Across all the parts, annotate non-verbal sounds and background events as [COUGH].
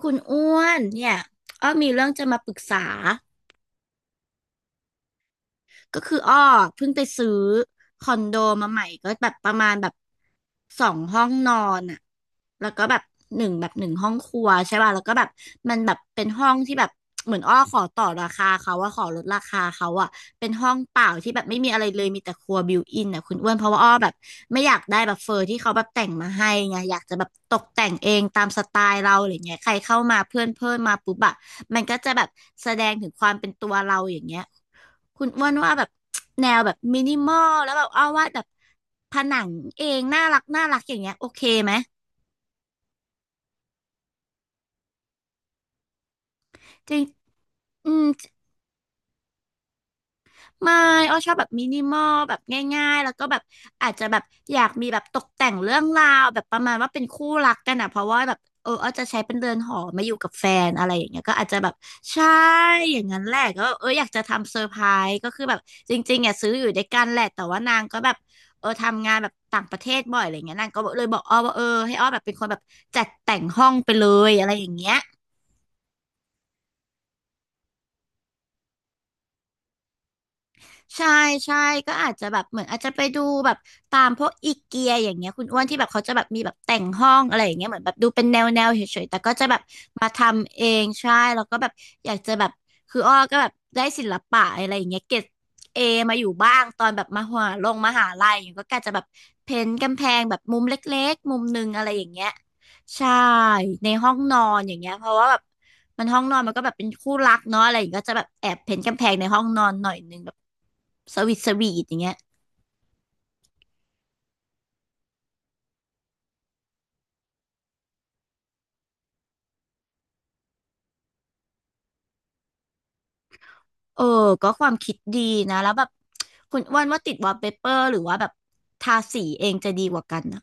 คุณอ้วนเนี่ยอ้อมีเรื่องจะมาปรึกษา ก็คืออ้อเพิ่งไปซื้อคอนโดมาใหม่ก็แบบประมาณแบบสองห้องนอนอ่ะแล้วก็แบบหนึ่งห้องครัวใช่ป่ะแล้วก็แบบมันแบบเป็นห้องที่แบบเหมือนอ้อขอต่อราคาเขาว่าขอลดราคาเขาอ่ะเป็นห้องเปล่าที่แบบไม่มีอะไรเลยมีแต่ครัวบิวอินอ่ะคุณอ้วนเพราะว่าอ้อแบบไม่อยากได้แบบเฟอร์ที่เขาแบบแต่งมาให้ไงอยากจะแบบตกแต่งเองตามสไตล์เราอะไรเงี้ยใครเข้ามาเพื่อนเพื่อนมาปุ๊บอะมันก็จะแบบแสดงถึงความเป็นตัวเราอย่างเงี้ย คุณอ้วนว่าแบบ [TSK] แนวแบบมินิมอลแล้วแบบเอาวาดแบบผนังเองน่ารักน่ารักอย่างเงี้ยโอเคไหมจริงอืม ไม่อ้อชอบแบบมินิมอลแบบง่ายๆ แล้วก็แบบอาจจะแบบอยากมีแบบตกแต่งเรื่องราวแบบประมาณว่าเป็นคู่รักกันอ่ะเพราะว่าแบบเอออ้อจะใช้เป็นเรือนหอมาอยู่กับแฟนอะไรอย่างเงี้ยก็อาจจะแบบใช่อย่างนั้นแหละก็เอออยากจะทำเซอร์ไพรส์ก็คือแบบจริงๆอ่ะซื้ออยู่ด้วยกันแหละแต่ว่านางก็แบบเออทำงานแบบต่างประเทศบ่อยอะไรเงี้ยนางก็เลยบอกอ้อว่าเออให้อ้อแบบเป็นคนแบบจัดแต่งห้องไปเลยอะไรอย่างเงี้ย ใช่ใช่ก็อาจจะแบบเหมือนอาจจะไปดูแบบตามพวกอีเกียอย่างเงี้ยคุณอ้วนที่แบบเขาจะแบบมีแบบแต่งห้องอะไรอย่างเงี้ยเหมือนแบบดูเป็นแนวเฉยๆแต่ก็จะแบบมาทำเองใช่แล้วก็แบบอยากจะแบบคืออ้อก็แบบได้ศิลปะอะไรอย่างเงี้ยเกรดเอมาอยู่บ้างตอนแบบมหาลัยอย่างเงี้ยก็กะจะแบบเพ้นท์กำแพงแบบมุมเล็กๆมุมหนึงอะไรอย่างเงี้ยใช่ในห้องนอนอย่างเงี้ยเพราะว่าแบบมันห้องนอนมันก็แบบเป็นคู่รักเนาะอะไรอย่างเงี้ยก็จะแบบแอบเพ้นท์กำแพงในห้องนอนหน่อยนึงแบบ สวีทสวีทอย่างเงี้ยเออก็ความคิดดีนะแล้วแบบคุณอ้วนว่าติดวอลเปเปอร์หรือว่าแบบทาสีเองจะดีกว่ากันนะ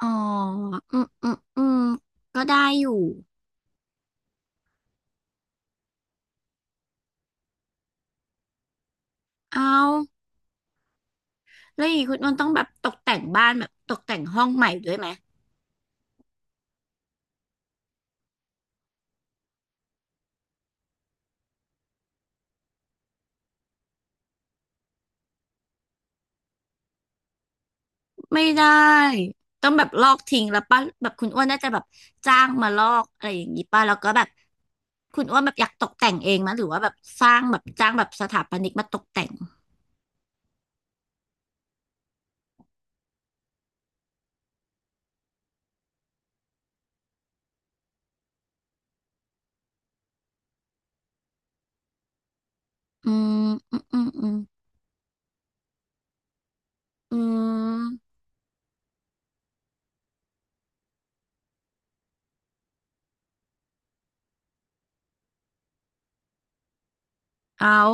อ๋ออืมอืมอืมก็ได้อยู่เอาแล้วอย่างงี้คุณอ้วนต้องแบบตกแต่งบ้านแบบตกแต่งห้องใหม่ด้วยไหมไม่ได้ต้องแบบลอกทิ้งแล้วป่ะแบบคุณอ้วนน่าจะแบบจ้างมาลอกอะไรอย่างนี้ป่ะแล้วก็แบบคุณอ้วนแบบอยากตกแต่งเองมั้ยหรือว่าแบบสร้างแบบจ้างแบบสถาปนิกมาตกแต่งอืมอืมอืมอืม อืมเอา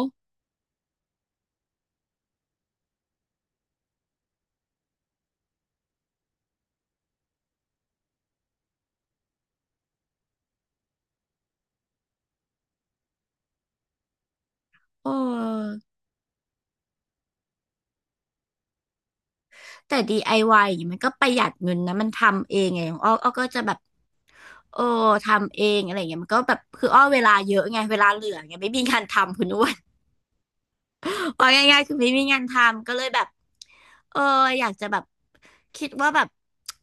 เออแต่ DIY อวายอย่างเงี้ยมันก็ประหยัดเงินนะมันทำเองไงของอ้ออ้อก็จะแบบโอ้ทำเองอะไรเงี้ยมันก็แบบคืออ้อเวลาเยอะไงเวลาเหลือไงไม่มีงานทำคุณอ้วน [LAUGHS] ว่าง่ายๆคือไม่มีงานทำก็เลยแบบเอออยากจะแบบคิดว่าแบบ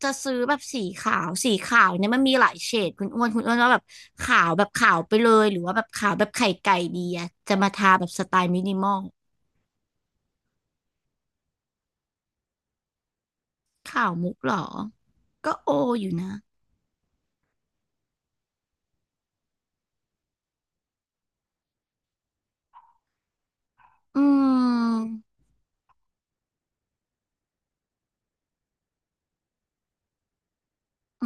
จะซื้อแบบสีขาวสีขาวเนี่ยมันมีหลายเฉดคุณอ้วนว่าแบบขาวแบบขาวไปเลยหรือว่าแบบขาวแบบไข่ไก่ดีอะจะมาทาแบบสไตล์มินิมอลขาวมุกเหรอก็โออยู่นะ อืมอื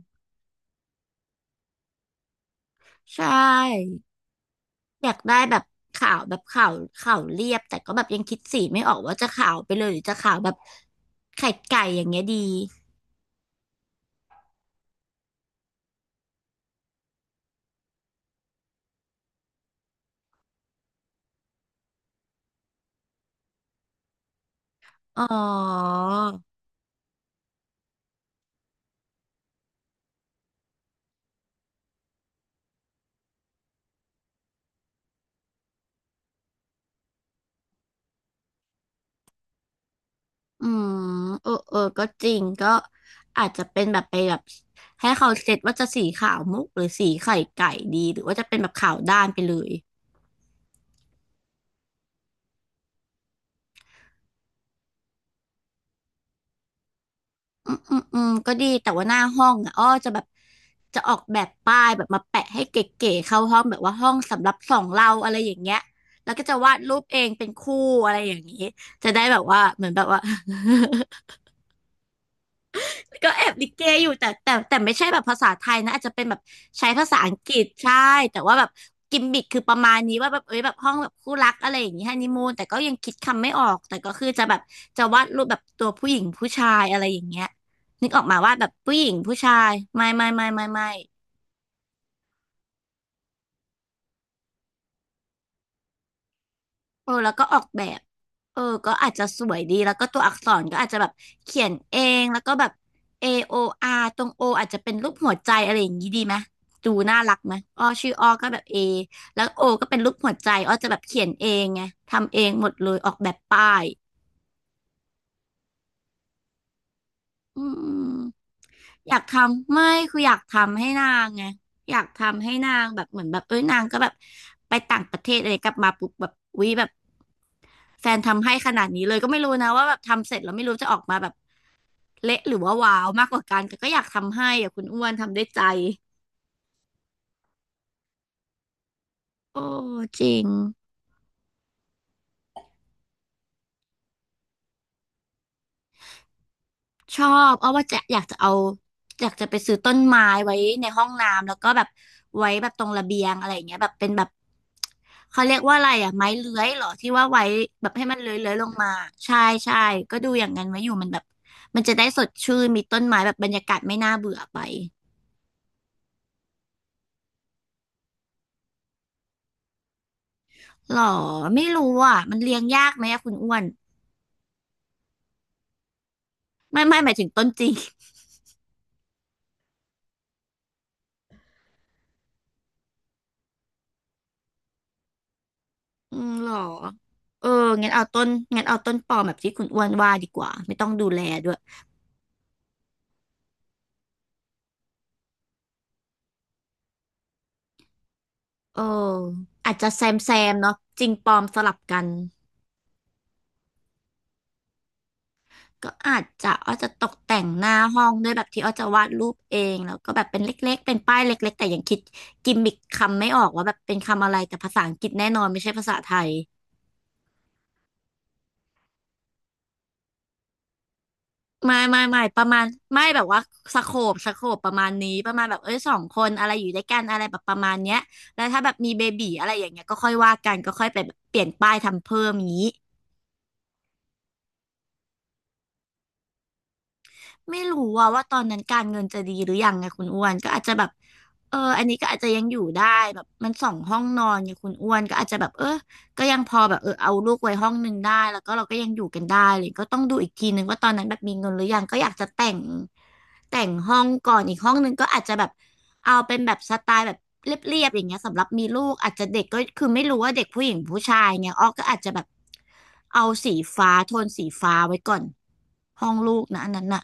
มใช่ อยากได้แบบขาวแบบขาวขาวเรียบแต่ก็แบบยังคิดสีไม่ออกว่าจะขาวไปเลยหรือจะขาวแบบไข่ไก่อย่างเงี้ยดีอ๋ออืมเออเออก็จริงก็อาจจะเป็นแบบไปแบบให้เขาเซตว่าจะสีขาวมุกหรือสีไข่ไก่ดีหรือว่าจะเป็นแบบขาวด้านไปเลย อืมอืมอืมก็ดีแต่ว่าหน้าห้องอ่ะอ้อจะแบบจะออกแบบป้ายแบบมาแปะให้เก๋ๆเข้าห้องแบบว่าห้องสำหรับสองเราอะไรอย่างเงี้ยแล้วก็จะวาดรูปเองเป็นคู่อะไรอย่างนี้จะได้แบบว่าเหมือนแบบว่า [LAUGHS] ก็แอบลิเกอยู่แต่ไม่ใช่แบบภาษาไทยนะอาจจะเป็นแบบใช้ภาษาอังกฤษใช่แต่ว่าแบบกิมมิคคือประมาณนี้ว่าแบบเอ้ยแบบห้องแบบคู่รักอะไรอย่างนี้ฮันนีมูนแต่ก็ยังคิดคำไม่ออกแต่ก็คือจะแบบจะวาดรูปแบบตัวผู้หญิงผู้ชายอะไรอย่างเงี้ยนึกออกมาว่าแบบผู้หญิงผู้ชายไม่ เออแล้วก็ออกแบบเออก็อาจจะสวยดีแล้วก็ตัวอักษรก็อาจจะแบบเขียนเองแล้วก็แบบเอโออาร์ตรง O ออาจจะเป็นรูปหัวใจอะไรอย่างนี้ดีไหมดูน่ารักไหมอ้อชื่ออ้อก็แบบ A แล้ว O ก็เป็นรูปหัวใจอ้อจะแบบเขียนเองไงทำเองหมดเลยออกแบบป้ายอืม อยากทำไม่คืออยากทำให้นางไงอยากทำให้นางแบบเหมือนแบบเอ้ยนางก็แบบไปต่างประเทศอะไรกลับมาปุ๊บแบบวิแบบแฟนทำให้ขนาดนี้เลยก็ไม่รู้นะว่าแบบทำเสร็จแล้วไม่รู้จะออกมาแบบเละหรือว่าว้าวมากกว่ากันแต่ก็อยากทำให้อะคุณอ้วนทำด้วยใจโอ้จริง ชอบอ้อว่าจะอยากจะเอาอยากจะไปซื้อต้นไม้ไว้ในห้องน้ำแล้วก็แบบไว้แบบตรงระเบียงอะไรอย่างเงี้ยแบบเป็นแบบเขาเรียกว่าอะไรอ่ะไม้เลื้อยเหรอที่ว่าไว้แบบให้มันเลื้อยเลื้อยลงมาใช่ใช่ก็ดูอย่างนั้นไว้อยู่มันแบบมันจะได้สดชื่นมีต้นไม้แบบบรรยากาศไม่น่าเบื่อไปหรอไม่รู้อ่ะมันเลี้ยงยากไหมอะคุณอ้วนไม่ไม่หมายถึงต้นจริง [LAUGHS] อืมหรอเอองั้นเอาต้นงั้นเอาต้นปลอมแบบที่คุณอ้วนว่าดีกว่าไม่ต้องดูแลด้วย เอออาจจะแซมแซมเนาะจริงปลอมสลับกันก็อาจจะอ้อจะตกแต่งหน้าห้องด้วยแบบที่อ้อจะวาดรูปเองแล้วก็แบบเป็นเล็กๆเป็นป้ายเล็กๆแต่ยังคิดกิมมิคคำไม่ออกว่าแบบเป็นคำอะไรแต่ภาษาอังกฤษแน่นอนไม่ใช่ภาษาไทยไม่ประมาณไม่แบบว่าสโคปประมาณนี้ประมาณแบบเอ้ยสองคนอะไรอยู่ด้วยกันอะไรแบบประมาณเนี้ยแล้วถ้าแบบมีเบบีอะไรอย่างเงี้ยก็ค่อยว่ากันก็ค่อยไปแบบเปลี่ยนป้ายทำเพิ่มอย่างนี้ ไม่รู้ว่าตอนนั้นการเงินจะดีหรือยังไงคุณอ้วนก็อาจจะแบบเอออันนี้ก็อาจจะยังอยู่ได้แบบมันสองห้องนอนไงคุณอ้วนก็อาจจะแบบเออก็ยังพอแบบเออเอาลูกไว้ห้องหนึ่งได้แล้วก็เราก็ยังอยู่กันได้เลยก็ต้องดูอีกทีนึงว่าตอนนั้นแบบมีเงินหรือยังก็อยากจะแต่งแต่งห้องก่อนอีกห้องหนึ่งก็อาจจะแบบเอาเป็นแบบสไตล์แบบเรียบๆอย่างเงี้ยสำหรับมีลูกอาจจะเด็กก็คือไม่รู้ว่าเด็กผู้หญิงผู้ชายเงี้ยอ้อก็อาจจะแบบเอาสีฟ้าโทนสีฟ้าไว้ก่อนห้องลูกนะอันนั้นน่ะ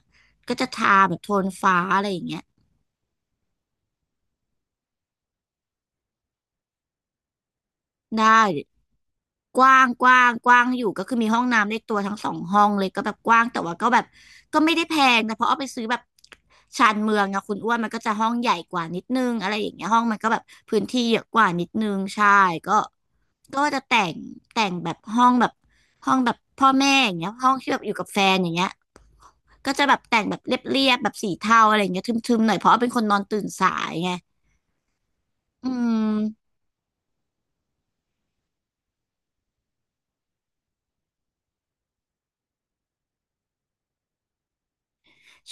ก็จะทาแบบโทนฟ้าอะไรอย่างเงี้ยได้กว้างกว้างกว้างอยู่ก็คือมีห้องน้ำเลขตัวทั้งสองห้องเลยก็แบบกว้างแต่ว่าก็แบบก็ไม่ได้แพงนะเพราะเอาไปซื้อแบบชานเมืองอะคุณอ้วนมันก็จะห้องใหญ่กว่านิดนึงอะไรอย่างเงี้ยห้องมันก็แบบพื้นที่เยอะกว่านิดนึงใช่ก็ก็จะแต่งแต่งแบบห้องแบบพ่อแม่อย่างเงี้ยห้องที่แบบอยู่กับแฟนอย่างเงี้ยก็จะแบบแต่งแบบเรียบๆแบบสีเทาอะไรอย่างเงี้ยทึมๆหน่อยเพราะว่าเป็นคนนอนตื่นสายไงอืม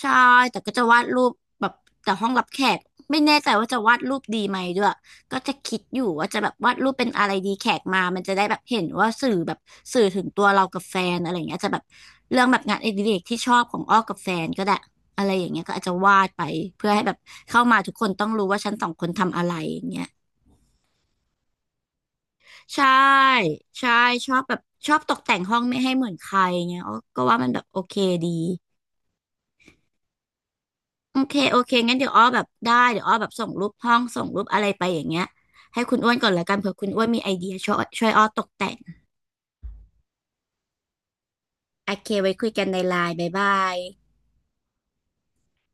ใช่แต่ก็จะวาดรูปแบบแต่ห้องรับแขกไม่แน่ใจว่าจะวาดรูปดีไหมด้วยก็จะคิดอยู่ว่าจะแบบวาดรูปเป็นอะไรดีแขกมามันจะได้แบบเห็นว่าสื่อแบบสื่อถึงตัวเรากับแฟนอะไรอย่างเงี้ยจะแบบเรื่องแบบงานอดิเรกที่ชอบของอ้อกับแฟนก็ได้อะไรอย่างเงี้ยก็อาจจะวาดไปเพื่อให้แบบเข้ามาทุกคนต้องรู้ว่าฉันสองคนทำอะไรอย่างเงี้ยใช่ใช่ชอบแบบชอบตกแต่งห้องไม่ให้เหมือนใครเงี้ยอ้อก็ว่ามันแบบโอเคดี โอเค โอเคงั้นเดี๋ยวอ้อแบบได้เดี๋ยวอ้อแบบส่งรูปห้องส่งรูปอะไรไปอย่างเงี้ยให้คุณอ้วนก่อนละกันเผื่อคุณอ้วนมีไอเดียช่วยอ้อตกแต่ง โอเคไว้คุยกันในไลน์บ๊ายบาย